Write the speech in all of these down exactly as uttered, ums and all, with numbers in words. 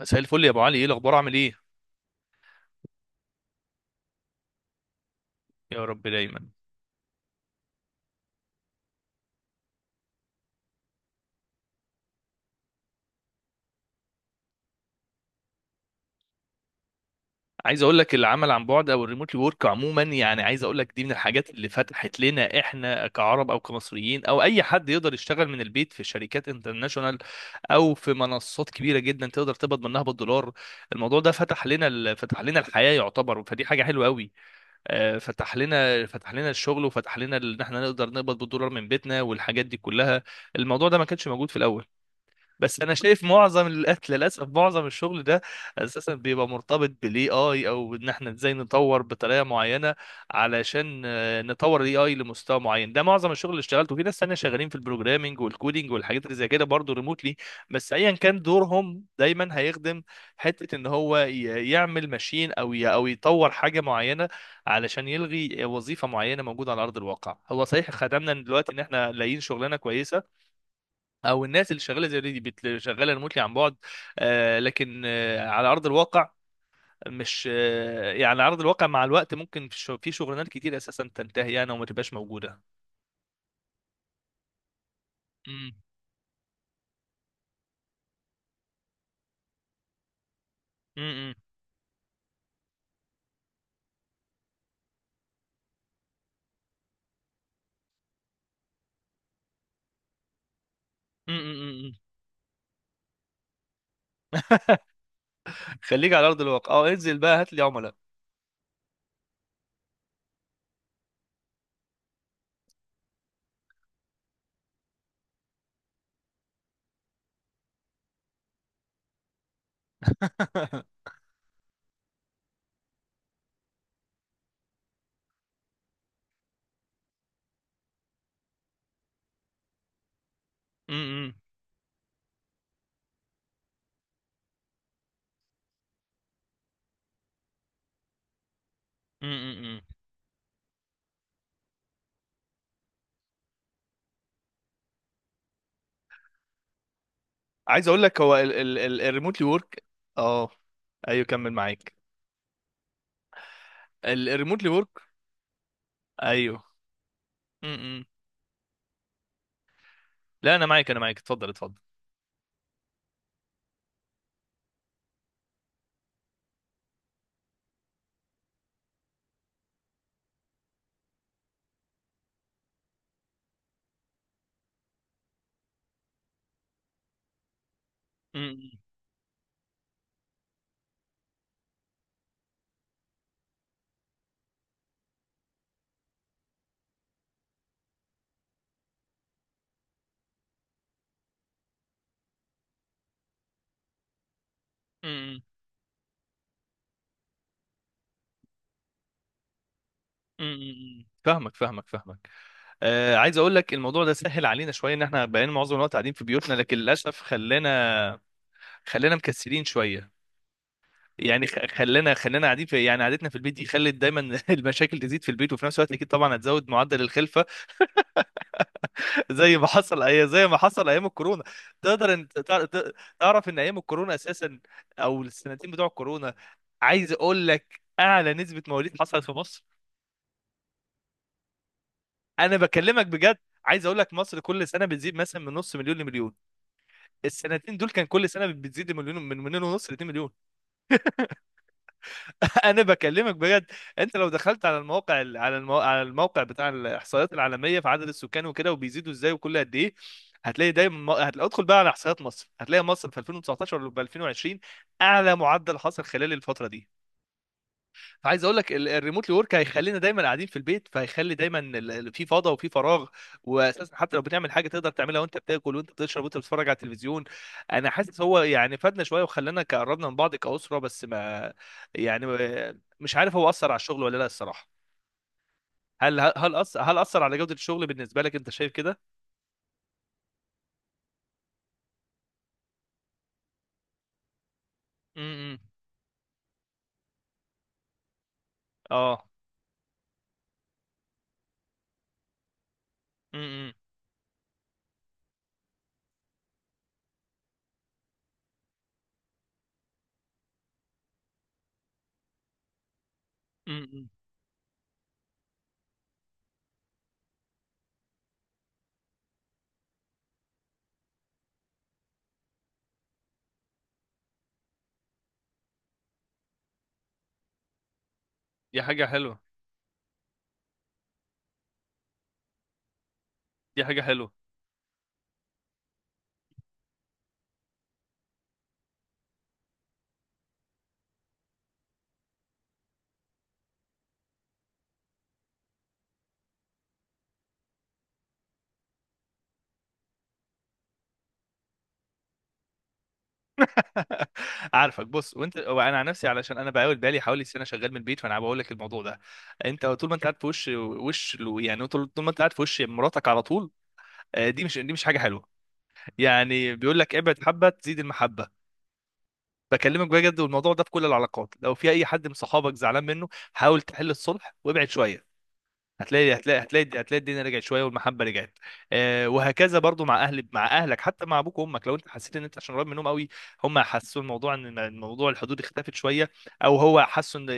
مساء الفل يا ابو علي، ايه الاخبار؟ عامل ايه؟ يا رب دايما. عايز اقول لك العمل عن بعد او الريموت ورك عموما، يعني عايز اقول لك دي من الحاجات اللي فتحت لنا احنا كعرب او كمصريين، او اي حد يقدر يشتغل من البيت في شركات انترناشونال او في منصات كبيره جدا تقدر تقبض منها بالدولار. الموضوع ده فتح لنا ال- فتح لنا الحياه يعتبر، فدي حاجه حلوه قوي. آه، فتح لنا فتح لنا الشغل، وفتح لنا ال- ان احنا نقدر نقبض بالدولار من بيتنا والحاجات دي كلها. الموضوع ده ما كانش موجود في الاول. بس انا شايف معظم الأكل للاسف معظم الشغل ده اساسا بيبقى مرتبط بالاي اي، او ان احنا ازاي نطور بطريقه معينه علشان آه، نطور الاي اي لمستوى معين. ده معظم الشغل اللي اشتغلته في ناس تانية شغالين في البروجرامينج والكودينج والحاجات اللي زي كده برضه ريموتلي. بس ايا كان دورهم دايما هيخدم حته ان هو ي- يعمل ماشين، او ي- او يطور حاجه معينه علشان يلغي وظيفه معينه موجوده على ارض الواقع. هو صحيح خدمنا دلوقتي ان احنا لاقيين شغلانه كويسه، او الناس اللي شغاله زي دي بت- شغاله ريموتلي عن بعد، آه، لكن آه، على ارض الواقع، مش آه، يعني على ارض الواقع مع الوقت ممكن في شغ- في شغلانات كتير اساسا تنتهي يعني وما تبقاش موجوده. مم. مم. مم. مم. مم. خليك على ارض الواقع، اه انزل بقى هات لي عملاء. مم. مم. مم. عايز اقول لك، هو الريموتلي ورك. اه. ايوه، كمل معاك. الريموتلي ورك. ايوه. مم. لا انا معاك، انا معاك، اتفضل اتفضل. مم. مم. امم، فاهمك فاهمك فاهمك. آه عايز اقول لك الموضوع ده سهل علينا شويه، ان احنا بقينا معظم الوقت قاعدين في بيوتنا، لكن للاسف خلانا، خلانا مكسلين شويه. يعني خ- خلانا خلانا قاعدين في، يعني قعدتنا في البيت دي خلت دايما المشاكل تزيد في البيت، وفي نفس الوقت اكيد طبعا هتزود معدل الخلفه. زي ما حصل، أي زي ما حصل ايام الكورونا. تقدر انت تع- ت- تعرف ان ايام الكورونا اساسا، او السنتين بتوع الكورونا، عايز اقول لك اعلى نسبه مواليد حصلت في مصر. انا بكلمك بجد. عايز اقول لك مصر كل سنه بتزيد مثلا من نص مليون لمليون، السنتين دول كان كل سنه بتزيد مليون، من مليون ونص ل 2 مليون. انا بكلمك بجد. انت لو دخلت على المواقع، على المو... على الموقع بتاع الاحصائيات العالميه في عدد السكان وكده، وبيزيدوا ازاي وكل قد ايه، هتلاقي دايما م- هت- ادخل بقى على احصائيات مصر، هتلاقي مصر في ألفين وتسعطاشر ولا في ألفين وعشرين اعلى معدل حصل خلال الفتره دي. فعايز اقول لك الريموتلي ورك هيخلينا دايما قاعدين في البيت، فهيخلي دايما ال- ال- في فضا وفي فراغ. واساسا حتى لو بنعمل حاجه تقدر تعملها وانت بتاكل وانت بتشرب وانت بتتفرج على التلفزيون. انا حاسس هو يعني فادنا شويه وخلانا قربنا من بعض كاسره، بس ما، يعني مش عارف هو اثر على الشغل ولا لا، الصراحه. هل هل اثر هل اثر على جوده الشغل؟ بالنسبه لك، انت شايف كده؟ امم. اه. امم. امم. دي حاجة حلوة، دي حاجة حلوة. عارفك، بص، وانت وانا عن نفسي، علشان انا بقاول بالي حوالي سنه شغال من البيت، فانا بقول لك الموضوع ده: انت طول ما انت قاعد في وش وش، يعني طول طول ما انت قاعد في وش مراتك على طول، آه، دي مش دي مش حاجه حلوه. يعني بيقول لك ابعد حبه تزيد المحبه. بكلمك بجد، والموضوع ده في كل العلاقات. لو في اي حد من صحابك زعلان منه، حاول تحل الصلح وابعد شويه، هتلاقي هتلاقي هتلاقي هتلاقي الدنيا رجعت شويه والمحبه رجعت. آه، وهكذا برضو مع اهل، مع اهلك، حتى مع ابوك وامك. لو انت حسيت ان انت عشان قريب منهم قوي، هم حسوا الموضوع ان الموضوع الحدود اختفت شويه، او هو حسوا ان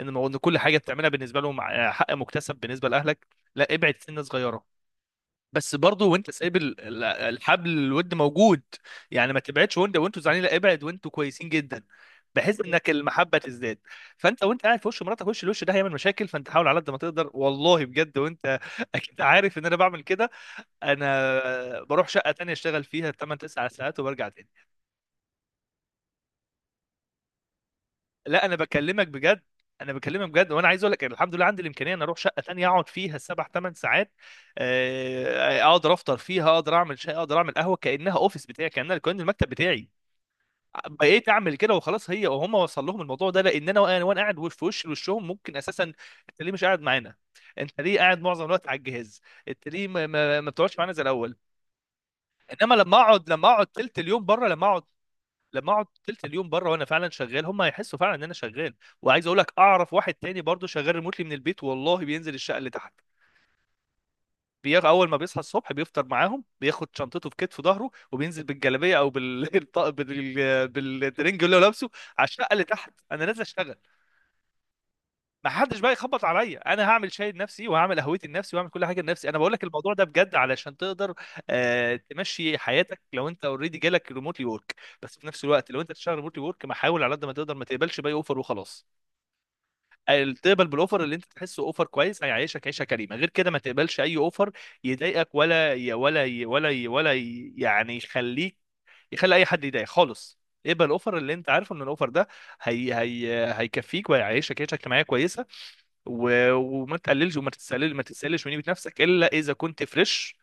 ان الموضوع- إن كل حاجه بتعملها بالنسبه لهم آه، حق مكتسب بالنسبه لاهلك، لا، ابعد سنه صغيره، بس برضه وانت سايب ال- ال- الحبل، الود موجود. يعني ما تبعدش وانت وانتوا زعلانين، لا، ابعد وانتوا كويسين جدا، بحيث انك المحبه تزداد. فانت وانت قاعد في وش مراتك، وش الوش ده هيعمل مشاكل، فانت حاول على قد ما تقدر والله بجد، وانت اكيد عارف ان انا بعمل كده. انا بروح شقه تانية اشتغل فيها تمانية ساعات 9 ساعات وبرجع تاني. لا انا بكلمك بجد، انا بكلمك بجد، وانا عايز اقول لك الحمد لله عندي الامكانيه ان اروح شقه تانية اقعد فيها سبع ثمان ساعات. آه، اقدر افطر فيها، اقدر اعمل شاي، اقدر اعمل قهوه، كانها اوفيس بتاعي، كانها كان المكتب بتاعي. بقيت اعمل كده وخلاص، هي وهم وصل لهم الموضوع ده، لان انا وانا وأنا قاعد في وش وشهم ممكن اساسا: انت ليه مش قاعد معانا؟ انت ليه قاعد معظم الوقت على الجهاز؟ انت ليه ما, ما, ما بتقعدش معانا زي الاول؟ انما لما اقعد لما اقعد تلت اليوم بره، لما اقعد لما اقعد تلت اليوم بره وانا فعلا شغال، هم هيحسوا فعلا ان انا شغال. وعايز اقول لك اعرف واحد تاني برضه شغال ريموتلي من البيت، والله بينزل الشقه اللي تحت. بيغ... اول ما بيصحى الصبح بيفطر معاهم، بياخد شنطته في كتف ظهره، وبينزل بالجلابيه، او بال بال بال... بالترنج اللي هو لابسه، على الشقه اللي تحت. انا نازل اشتغل، ما حدش بقى يخبط عليا، انا هعمل شاي لنفسي وهعمل قهوتي لنفسي وهعمل كل حاجه لنفسي. انا بقول لك الموضوع ده بجد علشان تقدر آه تمشي حياتك لو انت اوريدي جالك ريموتلي ورك. بس في نفس الوقت لو انت تشتغل ريموتلي ورك، ما حاول على قد ما تقدر ما تقبلش باي اوفر وخلاص. آه، تقبل بالاوفر اللي انت تحسه اوفر كويس هيعيشك عيشه كريمه، غير كده ما تقبلش اي اوفر يضايقك، ولا ي- ولا ي- ولا ي- ولا ي- يعني يخليك، يخلي اي حد يضايق خالص. اقبل الاوفر اللي انت عارفه ان الاوفر ده هي هي هيكفيك وهيعيشك عيشه اجتماعيه كويسه. و- وما تقللش وما تتسلل ما تتسللش من قيمه نفسك الا اذا كنت فريش.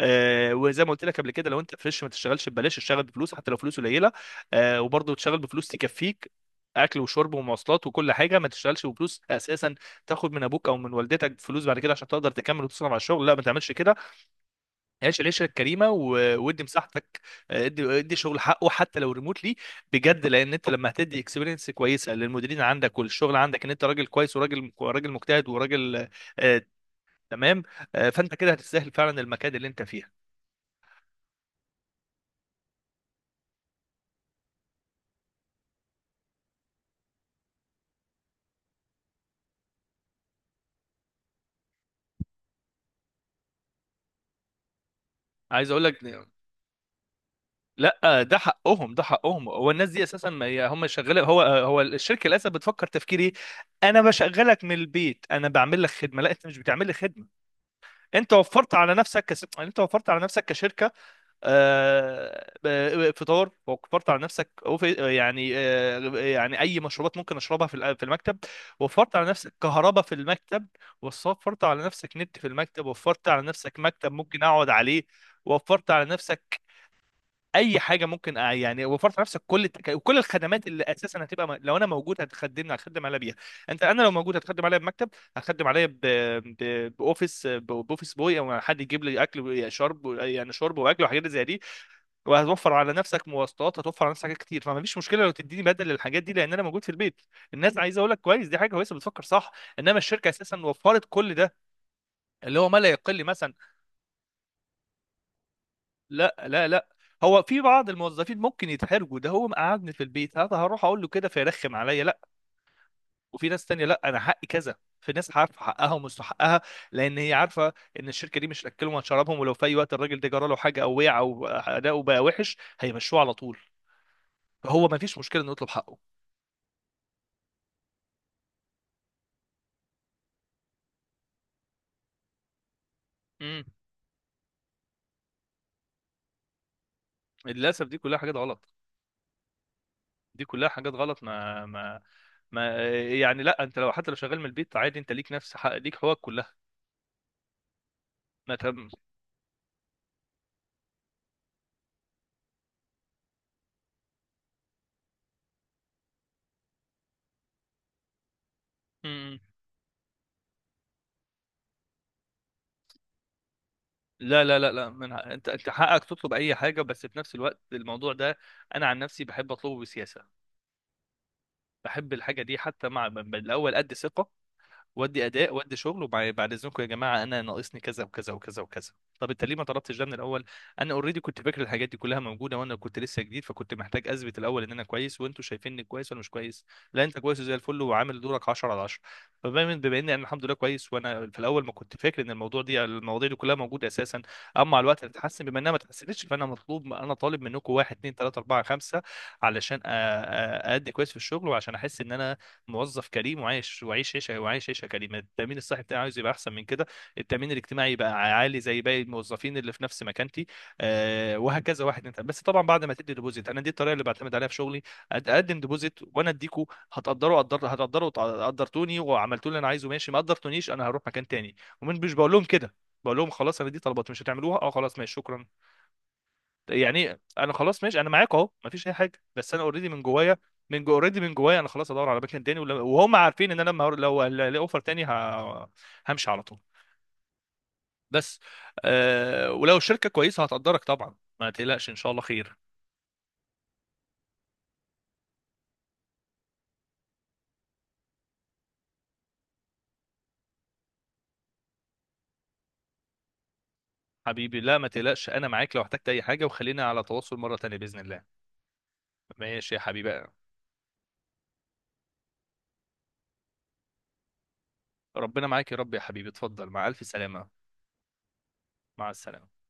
آه، وزي ما قلت لك قبل كده، لو انت فريش ما تشتغلش ببلاش، اشتغل بفلوس حتى لو فلوس قليله، آه، وبرضه تشتغل بفلوس تكفيك اكل وشرب ومواصلات وكل حاجه. ما تشتغلش بفلوس اساسا تاخد من ابوك او من والدتك فلوس بعد كده عشان تقدر تكمل وتصرف على الشغل، لا ما تعملش كده. عيش العيشه الكريمه، و- وادي مساحتك. آه، ادي ادي شغل حقه حتى لو ريموتلي، بجد. لان انت لما هتدي اكسبيرينس كويسه للمديرين عندك والشغل عندك ان انت راجل كويس، وراجل راجل مجتهد وراجل آه، تمام، آه، فانت كده هتستاهل فعلا المكان اللي انت فيها. عايز اقول لك، لا، ده حقهم، ده حقهم. هو الناس دي اساسا، ما- هي- هم شغاله، هو هو الشركه للاسف بتفكر تفكير ايه؟ انا بشغلك من البيت، انا بعمل لك خدمه. لا، انت مش بتعمل لي خدمه، انت وفرت على نفسك كس... انت وفرت على نفسك كشركه. آه، آه، فطار، وفرت على نفسك، وف- يعني آه، يعني اي مشروبات ممكن اشربها في ال- في المكتب، وفرت على نفسك كهرباء في المكتب، وفرت على نفسك نت في المكتب، وفرت على نفسك مكتب ممكن اقعد عليه، وفرت على نفسك اي حاجه ممكن أ- يعني، وفرت على نفسك كل التك... كل الخدمات اللي اساسا هتبقى م- لو انا موجود هتخدمني هتخدم عليا بيها. انت، انا لو موجود هتخدم عليا بمكتب، هتخدم عليا ب... ب... باوفيس ب- باوفيس بوي، او حد يجيب لي اكل وشرب، يعني شرب واكل وحاجات زي دي. وهتوفر على نفسك مواصلات، هتوفر على نفسك حاجات كتير. فما فيش مشكله لو تديني بدل للحاجات دي لان انا موجود في البيت. الناس عايزه اقول لك كويس، دي حاجه كويسه بتفكر صح، انما الشركه اساسا وفرت كل ده، اللي هو ما لا يقل مثلا. لا لا لا، هو في بعض الموظفين ممكن يتحرجوا، ده هو مقعدني في البيت هذا، هروح اقول له كده فيرخم عليا، لا. وفي ناس تانية لا، انا حقي كذا. في ناس عارفه حقها ومستحقها، لان هي عارفه ان الشركه دي مش اكلهم وشربهم، ولو في اي وقت الراجل ده جرى له حاجه او وقع او اداؤه بقى وحش هيمشوه على طول. فهو ما فيش مشكله انه يطلب حقه. مم. للاسف دي كلها حاجات غلط، دي كلها حاجات غلط. ما ما ما يعني لا، انت لو حتى لو شغال من البيت عادي، انت ليك نفس حق، ليك حقوقك كلها. ما تم. مم. لا لا لا لا، من حق- انت، انت حقك تطلب اي حاجه، بس في نفس الوقت الموضوع ده انا عن نفسي بحب اطلبه بسياسه. بحب الحاجه دي حتى مع ب- ب- الاول قد ثقه، وادي اداء، وادي شغل، وبعد اذنكم يا جماعه انا ناقصني كذا وكذا وكذا وكذا. طب انت ليه ما طلبتش ده من الاول؟ انا اوريدي كنت فاكر الحاجات دي كلها موجوده، وانا كنت لسه جديد فكنت محتاج اثبت الاول ان انا كويس، وانتوا شايفيني كويس ولا مش كويس؟ لا، انت كويس زي الفل وعامل دورك عشرة على عشرة. فبما بما اني انا الحمد لله كويس، وانا في الاول ما كنت فاكر ان الموضوع دي، المواضيع دي كلها موجوده اساسا، اما مع الوقت هتتحسن. بما انها ما اتحسنتش فانا مطلوب، انا طالب منكم واحد اتنين تلاته اربعه خمسه علشان أ- أ- اادي كويس في الشغل، وعشان احس ان انا موظف كريم وعايش وعيش عيشه، وعايش عيشه كريمه. التامين الصحي بتاعي عاوز يبقى احسن من كده، التامين الاجتماعي يبقى عالي زي باقي الموظفين اللي في نفس مكانتي. آه، وهكذا، واحد. انت بس طبعا بعد ما تدي ديبوزيت، انا دي الطريقه اللي بعتمد عليها في شغلي. أد- اقدم ديبوزيت وانا اديكوا. هتقدروا قدر هتقدروا، قدرتوني وعملتوا اللي انا عايزه، ماشي. ما قدرتونيش، انا هروح مكان تاني. ومش مش بقول لهم كده، بقول لهم خلاص، انا دي طلبات مش هتعملوها، اه، خلاص ماشي شكرا. يعني انا خلاص ماشي، انا معاك اهو، مفيش اي حاجه، بس انا اوريدي من جوايا، من جو اوريدي من جوايا انا خلاص ادور على مكان تاني. ولا- وهم عارفين ان انا لما هر- لو الاقي اوفر تاني ه- همشي على طول بس. أه، ولو الشركه كويسه هتقدرك طبعا، ما تقلقش ان شاء الله خير. حبيبي لا، ما تقلقش، انا معاك لو احتجت اي حاجه، وخلينا على تواصل مره تانيه باذن الله. ماشي يا حبيبي. ربنا معاك يا رب، يا حبيبي، اتفضل، مع الف سلامه. مع السلامه.